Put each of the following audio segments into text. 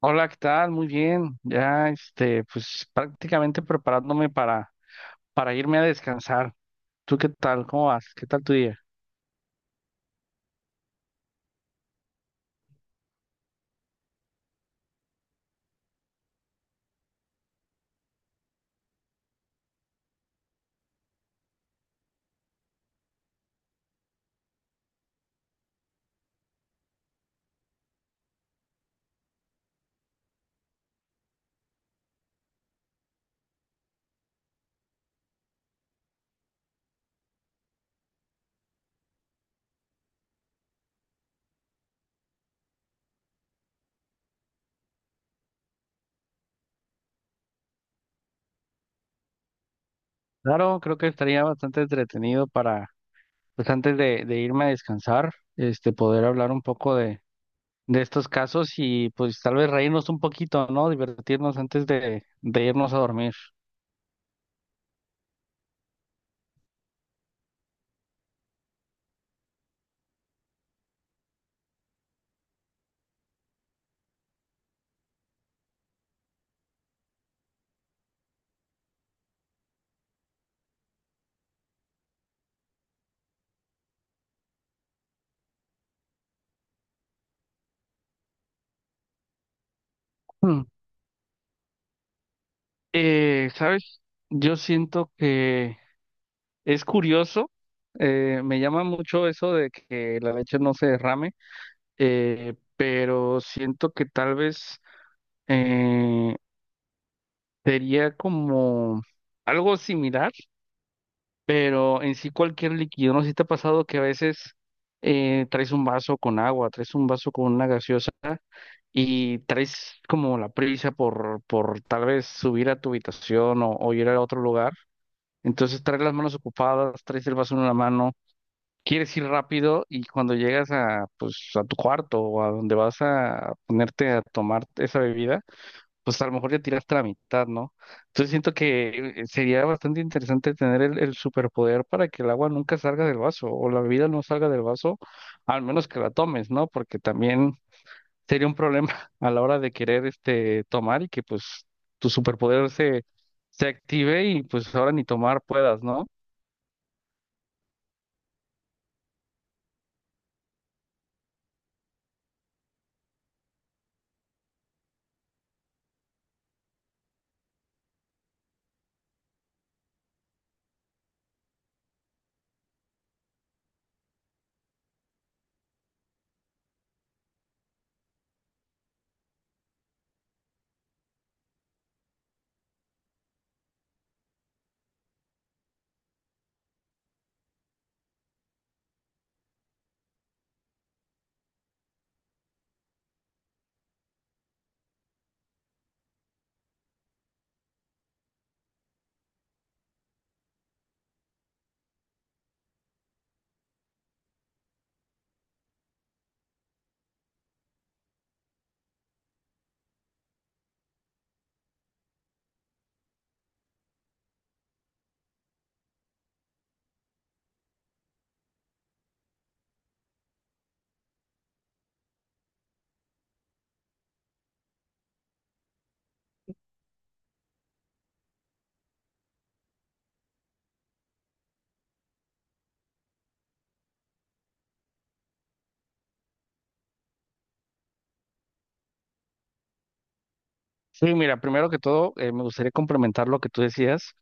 Hola, ¿qué tal? Muy bien. Ya, pues prácticamente preparándome para irme a descansar. ¿Tú qué tal? ¿Cómo vas? ¿Qué tal tu día? Claro, creo que estaría bastante entretenido para, pues antes de irme a descansar, poder hablar un poco de estos casos y pues tal vez reírnos un poquito, ¿no? Divertirnos antes de irnos a dormir. Hmm. ¿Sabes? Yo siento que es curioso, me llama mucho eso de que la leche no se derrame, pero siento que tal vez eh, sería como algo similar, pero en sí cualquier líquido, ¿no? Sé si te ha pasado que a veces traes un vaso con agua, traes un vaso con una gaseosa y traes como la prisa por tal vez subir a tu habitación o ir a otro lugar. Entonces traes las manos ocupadas, traes el vaso en una mano, quieres ir rápido y cuando llegas a, pues, a tu cuarto o a donde vas a ponerte a tomar esa bebida, pues a lo mejor ya tiraste la mitad, ¿no? Entonces siento que, sería bastante interesante tener el superpoder para que el agua nunca salga del vaso o la bebida no salga del vaso, al menos que la tomes, ¿no? Porque también sería un problema a la hora de querer tomar y que pues tu superpoder se active y pues ahora ni tomar puedas, ¿no? Sí, mira, primero que todo, me gustaría complementar lo que tú decías.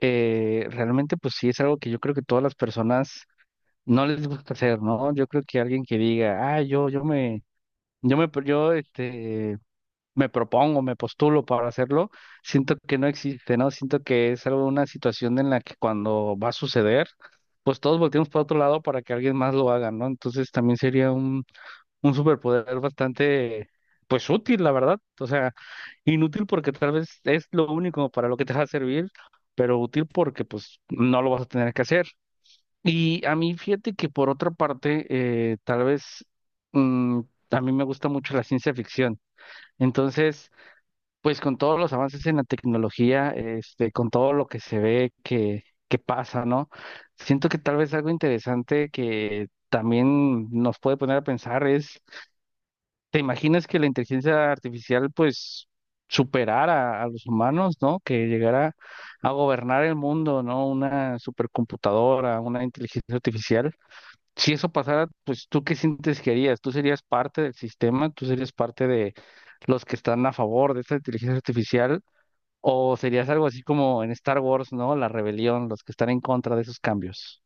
Realmente, pues sí, es algo que yo creo que todas las personas no les gusta hacer, ¿no? Yo creo que alguien que diga, ah, yo, me propongo, me postulo para hacerlo, siento que no existe, ¿no? Siento que es algo, una situación en la que cuando va a suceder, pues todos volteamos para otro lado para que alguien más lo haga, ¿no? Entonces también sería un superpoder bastante, pues útil, la verdad. O sea, inútil porque tal vez es lo único para lo que te va a servir, pero útil porque pues no lo vas a tener que hacer. Y a mí, fíjate que por otra parte, tal vez mm, a mí me gusta mucho la ciencia ficción. Entonces, pues con todos los avances en la tecnología, con todo lo que se ve que pasa, ¿no? Siento que tal vez algo interesante que también nos puede poner a pensar es, ¿te imaginas que la inteligencia artificial pues superara a los humanos, ¿no? Que llegara a gobernar el mundo, ¿no? Una supercomputadora, una inteligencia artificial. Si eso pasara, pues ¿tú qué sientes que harías? ¿Tú serías parte del sistema? ¿Tú serías parte de los que están a favor de esta inteligencia artificial? ¿O serías algo así como en Star Wars, ¿no? La rebelión, los que están en contra de esos cambios.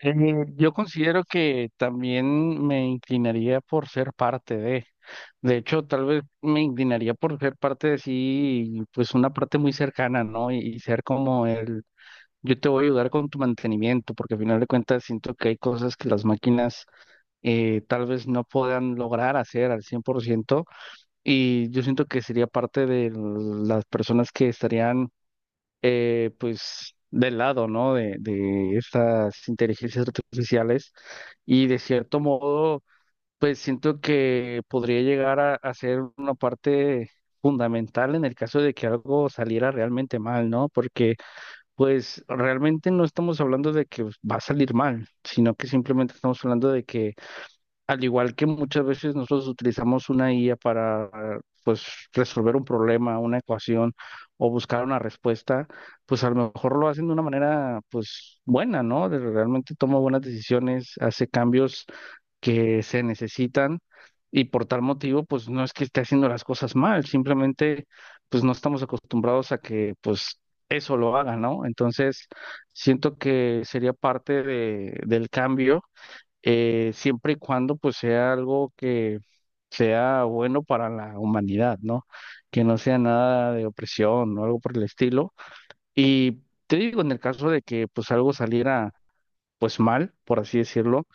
Eh, yo considero que también me inclinaría por ser parte de hecho, tal vez me inclinaría por ser parte de sí, pues una parte muy cercana, ¿no? Y ser como yo te voy a ayudar con tu mantenimiento, porque al final de cuentas siento que hay cosas que las máquinas, tal vez no puedan lograr hacer al 100%, y yo siento que sería parte de las personas que estarían, pues del lado, ¿no? De estas inteligencias artificiales y de cierto modo, pues siento que podría llegar a ser una parte fundamental en el caso de que algo saliera realmente mal, ¿no? Porque pues realmente no estamos hablando de que pues, va a salir mal, sino que simplemente estamos hablando de que al igual que muchas veces nosotros utilizamos una IA para pues resolver un problema, una ecuación o buscar una respuesta, pues a lo mejor lo hacen de una manera pues buena, ¿no? De- realmente toma buenas decisiones, hace cambios que se necesitan y por tal motivo pues no es que esté haciendo las cosas mal, simplemente pues no estamos acostumbrados a que pues eso lo haga, ¿no? Entonces siento que sería parte de, del cambio, siempre y cuando pues sea algo que sea bueno para la humanidad, ¿no? Que no sea nada de opresión o algo por el estilo. Y te digo, en el caso de que pues algo saliera pues mal, por así decirlo,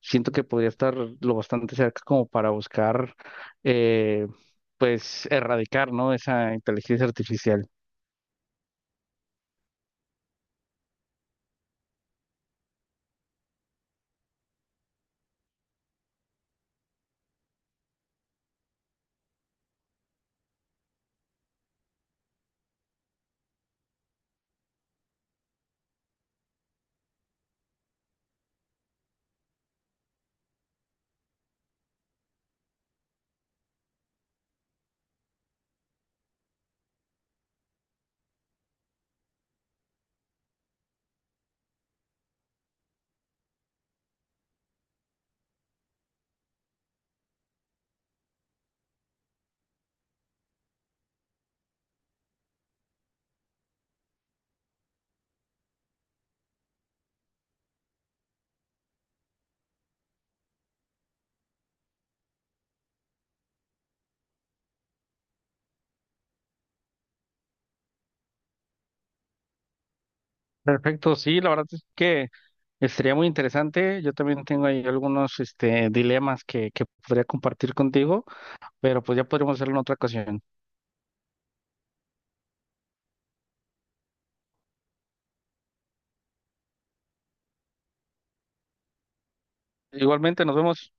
siento que podría estar lo bastante cerca como para buscar, eh, pues erradicar, ¿no? Esa inteligencia artificial. Perfecto, sí, la verdad es que estaría muy interesante. Yo también tengo ahí algunos dilemas que podría compartir contigo, pero pues ya podríamos hacerlo en otra ocasión. Igualmente, nos vemos.